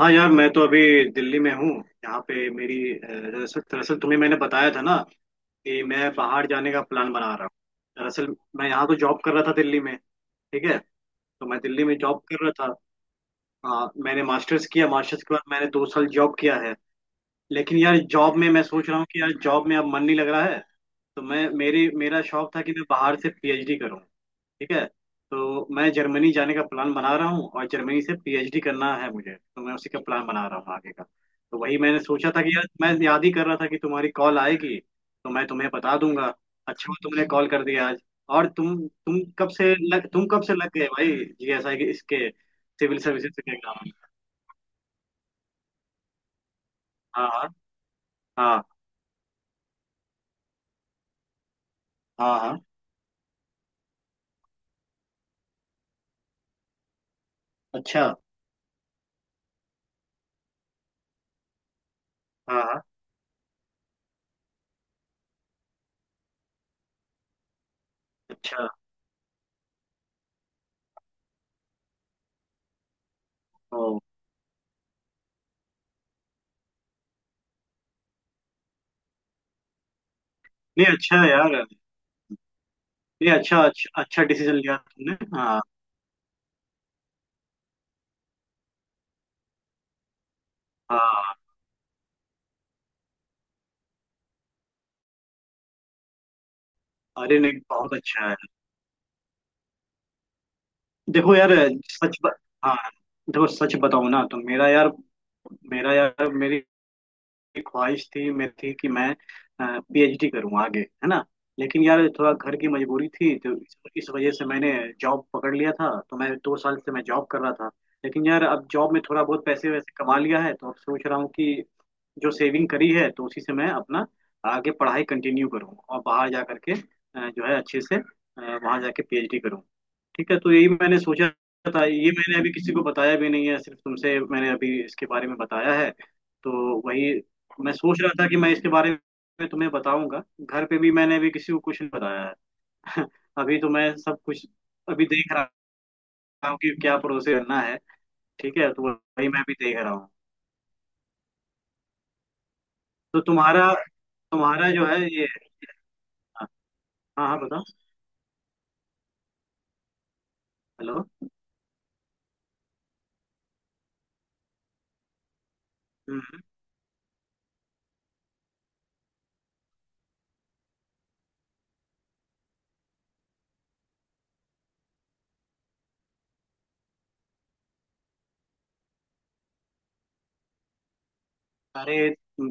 हाँ यार, मैं तो अभी दिल्ली में हूँ। यहाँ पे मेरी अ, दरअसल दरअसल तुम्हें मैंने बताया था ना कि मैं बाहर जाने का प्लान बना रहा हूँ। दरअसल मैं यहाँ तो जॉब कर रहा था दिल्ली में। ठीक है। तो मैं दिल्ली में जॉब कर रहा था। हाँ, मैंने मास्टर्स किया, मास्टर्स के बाद मैंने 2 साल जॉब किया है। लेकिन यार जॉब में मैं सोच रहा हूँ कि यार जॉब में अब मन नहीं लग रहा है। तो मैं मेरी मेरा शौक था कि मैं बाहर से पीएचडी करूँ। ठीक है। तो मैं जर्मनी जाने का प्लान बना रहा हूँ और जर्मनी से पीएचडी करना है मुझे, तो मैं उसी का प्लान बना रहा हूँ आगे का। तो वही मैंने सोचा था कि यार मैं याद ही कर रहा था कि तुम्हारी कॉल आएगी तो मैं तुम्हें बता दूंगा। अच्छा हुआ तुमने कॉल कर दिया आज। और तुम कब से लग गए, भाई? जीएसआई के इसके सिविल सर्विसेज के एग्जाम में। हाँ हाँ हाँ हाँ हाँ। अच्छा। हाँ हाँ। अच्छा। ओ। नहीं, अच्छा है यार। नहीं, अच्छा अच्छा अच्छा डिसीजन लिया तुमने। हाँ। हाँ। अरे नहीं, बहुत अच्छा है। देखो यार, सच ब... हाँ देखो सच बताऊँ ना तो मेरा यार मेरी ख्वाहिश थी, मेरी थी कि मैं पीएचडी करूँ आगे, है ना। लेकिन यार थोड़ा घर की मजबूरी थी, तो इस वजह से मैंने जॉब पकड़ लिया था, तो मैं 2 साल से मैं जॉब कर रहा था। लेकिन यार अब जॉब में थोड़ा बहुत पैसे वैसे कमा लिया है, तो अब सोच रहा हूँ कि जो सेविंग करी है तो उसी से मैं अपना आगे पढ़ाई कंटिन्यू करूँ और बाहर जा करके जो है अच्छे से, वहाँ जाके पीएचडी करूँ। ठीक है। तो यही मैंने सोचा था। ये मैंने अभी किसी को बताया भी नहीं है, सिर्फ तुमसे मैंने अभी इसके बारे में बताया है। तो वही मैं सोच रहा था कि मैं इसके बारे में तुम्हें बताऊंगा। घर पे भी मैंने अभी किसी को कुछ नहीं बताया है। अभी तो मैं सब कुछ अभी देख रहा हूँ कि क्या प्रोसेस करना है। ठीक है, तो वही मैं भी देख रहा हूँ। तो तुम्हारा तुम्हारा जो है ये। हाँ। हाँ। हाँ, बताओ। हेलो। हम्म। अरे,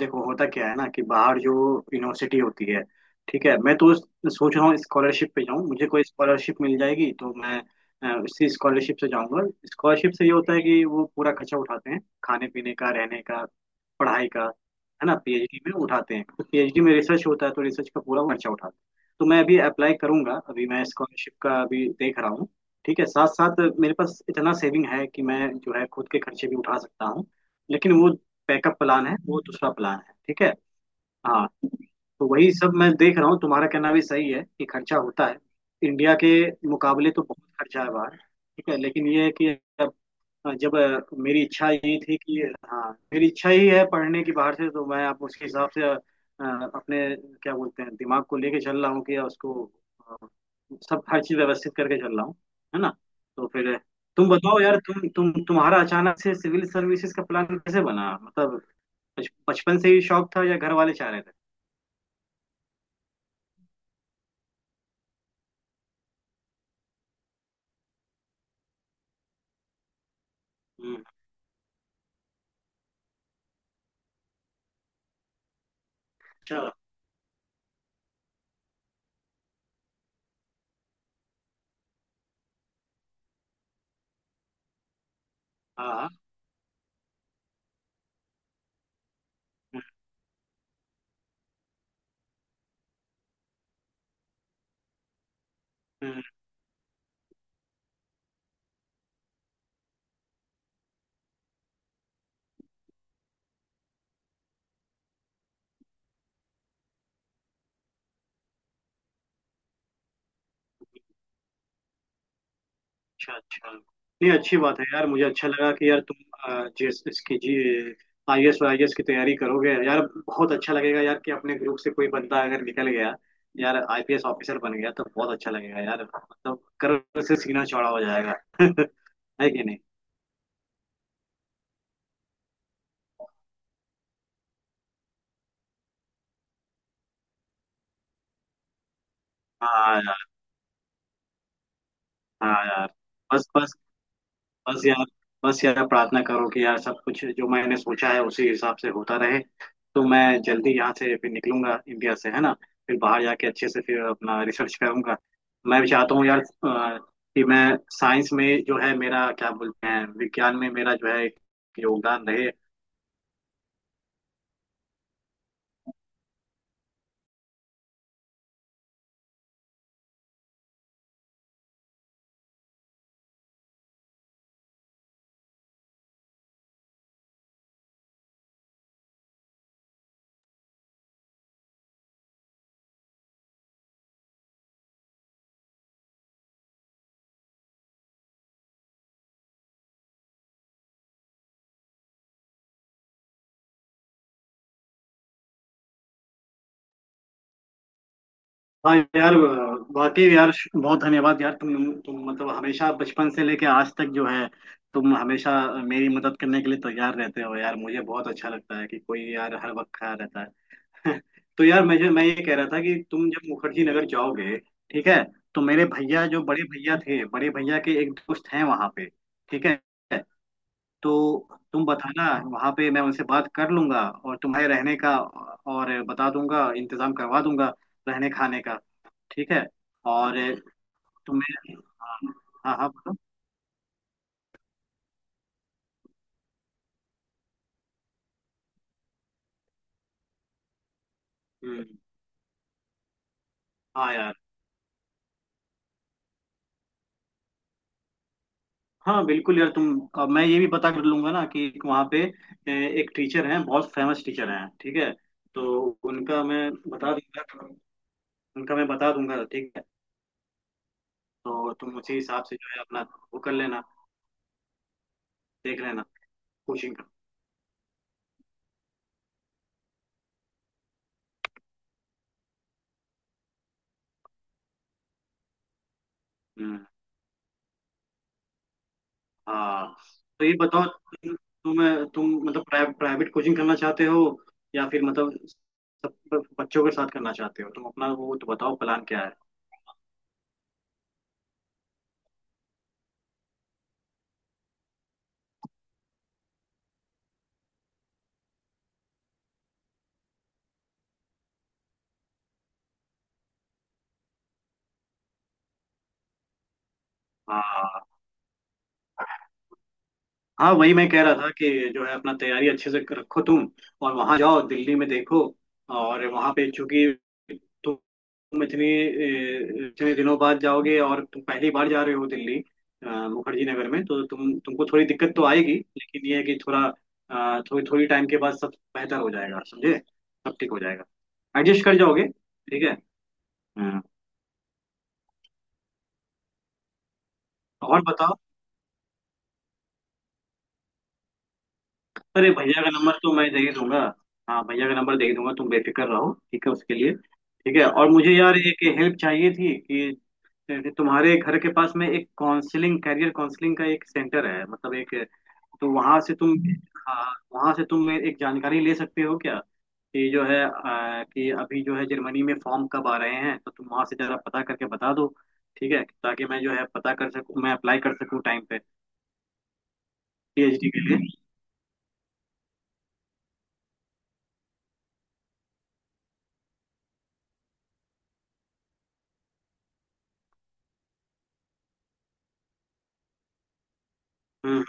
देखो होता क्या है ना कि बाहर जो यूनिवर्सिटी होती है, ठीक है। मैं तो सोच रहा हूँ स्कॉलरशिप पे जाऊँ, मुझे कोई स्कॉलरशिप मिल जाएगी तो मैं उसी स्कॉलरशिप से जाऊँगा। स्कॉलरशिप से ये होता है कि वो पूरा खर्चा उठाते हैं, खाने पीने का, रहने का, पढ़ाई का, है ना, पीएचडी में उठाते हैं, तो पीएचडी में रिसर्च होता है तो रिसर्च का पूरा खर्चा उठाते हैं। तो मैं अभी अप्लाई करूंगा, अभी मैं स्कॉलरशिप का अभी देख रहा हूँ। ठीक है, साथ साथ मेरे पास इतना सेविंग है कि मैं जो है खुद के खर्चे भी उठा सकता हूँ, लेकिन वो बैकअप प्लान है, वो दूसरा प्लान है। ठीक है। हाँ। तो वही सब मैं देख रहा हूँ। तुम्हारा कहना भी सही है कि खर्चा होता है, इंडिया के मुकाबले तो बहुत खर्चा है बाहर, ठीक है। लेकिन ये है कि अब मेरी इच्छा ये थी कि, हाँ, मेरी इच्छा ही है पढ़ने की बाहर से, तो मैं आप उसके हिसाब से अपने क्या बोलते हैं दिमाग को लेके चल रहा हूँ कि उसको, अ, सब हर चीज व्यवस्थित करके चल रहा हूँ, है ना। तो फिर तुम बताओ यार, तुम्हारा अचानक से सिविल सर्विसेज का प्लान कैसे बना, मतलब बचपन से ही शौक था या घर वाले चाह रहे थे? हम्म। अच्छा। हाँ हाँ। हम्म। हम्म। अच्छा अच्छा। नहीं, अच्छी बात है यार, मुझे अच्छा लगा कि यार तुम अ, जिस इसकी जी आई एस और आई एस की तैयारी करोगे यार। बहुत अच्छा लगेगा यार कि अपने ग्रुप से कोई बंदा अगर निकल गया यार, आईपीएस ऑफिसर बन गया तो बहुत अच्छा लगेगा यार, मतलब कर्व से सीना चौड़ा हो जाएगा। है कि नहीं? हाँ यार। हाँ यार। बस बस बस यार, बस यार प्रार्थना करो कि यार सब कुछ जो मैंने सोचा है उसी हिसाब से होता रहे। तो मैं जल्दी यहाँ से फिर निकलूंगा इंडिया से, है ना। फिर बाहर जाके अच्छे से फिर अपना रिसर्च करूंगा। मैं भी चाहता हूँ यार, कि मैं साइंस में जो है मेरा क्या बोलते हैं विज्ञान में मेरा जो है एक योगदान रहे। हाँ यार। वाकई यार बहुत धन्यवाद यार, तुम मतलब हमेशा बचपन से लेके आज तक जो है तुम हमेशा मेरी मदद करने के लिए तैयार रहते हो यार, मुझे बहुत अच्छा लगता है कि कोई यार हर वक्त खड़ा रहता है। तो यार मैं जो मैं ये कह रहा था कि तुम जब मुखर्जी नगर जाओगे, ठीक है, तो मेरे भैया जो बड़े भैया थे, बड़े भैया के एक दोस्त हैं वहां पे, ठीक है। तो तुम बताना वहां पे, मैं उनसे बात कर लूंगा और तुम्हारे रहने का और बता दूंगा, इंतजाम करवा दूंगा रहने खाने का, ठीक है। और तुम्हें। हाँ हाँ हाँ, बोलो। हम्म। हाँ यार। हाँ, बिल्कुल यार तुम। अब मैं ये भी पता कर लूंगा ना कि एक वहाँ पे, ए, एक टीचर हैं, बहुत फेमस टीचर हैं, ठीक है। तो उनका मैं बता दूंगा, उनका मैं बता दूंगा, ठीक है। तो तुम उसी हिसाब से जो है अपना वो कर लेना, देख लेना कोचिंग का। हम्म। हाँ, तो ये बताओ, तुम मतलब प्राइवेट कोचिंग करना चाहते हो या फिर मतलब सब बच्चों के साथ करना चाहते हो? तुम अपना वो तो बताओ, प्लान क्या है? हाँ हाँ, वही मैं कह रहा था कि जो है अपना तैयारी अच्छे से रखो तुम और वहां जाओ दिल्ली में देखो। और वहां पे चूंकि तुम इतने दिनों बाद जाओगे और तुम पहली बार जा रहे हो दिल्ली, मुखर्जी नगर में, तो तुमको थोड़ी दिक्कत तो आएगी, लेकिन ये है कि थोड़ी थोड़ी टाइम के बाद सब बेहतर हो जाएगा, समझे। सब ठीक हो जाएगा, एडजस्ट कर जाओगे, ठीक है। हाँ। और बताओ। अरे, भैया का नंबर तो मैं दे ही दूंगा। हाँ, भैया का नंबर दे ही दूंगा, तुम बेफिक्र रहो, ठीक है उसके लिए। ठीक है। और मुझे यार एक हेल्प चाहिए थी कि तुम्हारे घर के पास में एक काउंसलिंग कैरियर काउंसलिंग का एक सेंटर है, मतलब एक। तो वहां से तुम हाँ, वहां से तुम एक जानकारी ले सकते हो क्या कि जो है, कि अभी जो है जर्मनी में फॉर्म कब आ रहे हैं, तो तुम वहां से जरा पता करके बता दो, ठीक है, ताकि मैं जो है पता कर सकूं, मैं अप्लाई कर सकूं टाइम पे पीएचडी के लिए। हम्म।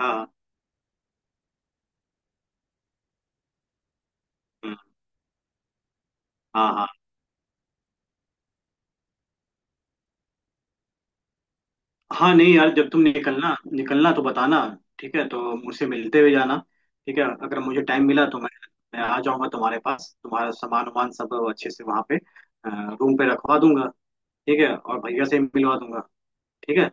हाँ। हम्म। हाँ हाँ। हाँ, नहीं यार, जब तुम निकलना निकलना तो बताना, ठीक है, तो मुझसे मिलते हुए जाना, ठीक है, अगर मुझे टाइम मिला तो मैं आ जाऊंगा तुम्हारे पास, तुम्हारा सामान वामान सब अच्छे से वहाँ पे रूम पे रखवा दूंगा, ठीक है, और भैया से मिलवा दूंगा, ठीक है।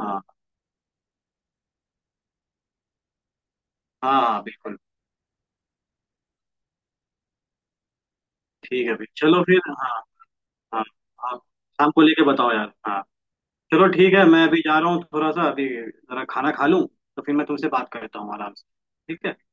हाँ हाँ। हाँ, बिल्कुल। ठीक है भाई, चलो फिर। हाँ। हाँ। आप शाम को लेके बताओ यार। हाँ। चलो ठीक है, मैं अभी जा रहा हूँ, थोड़ा सा अभी जरा खाना खा लूँ, तो फिर मैं तुमसे बात करता हूँ आराम से। ठीक है।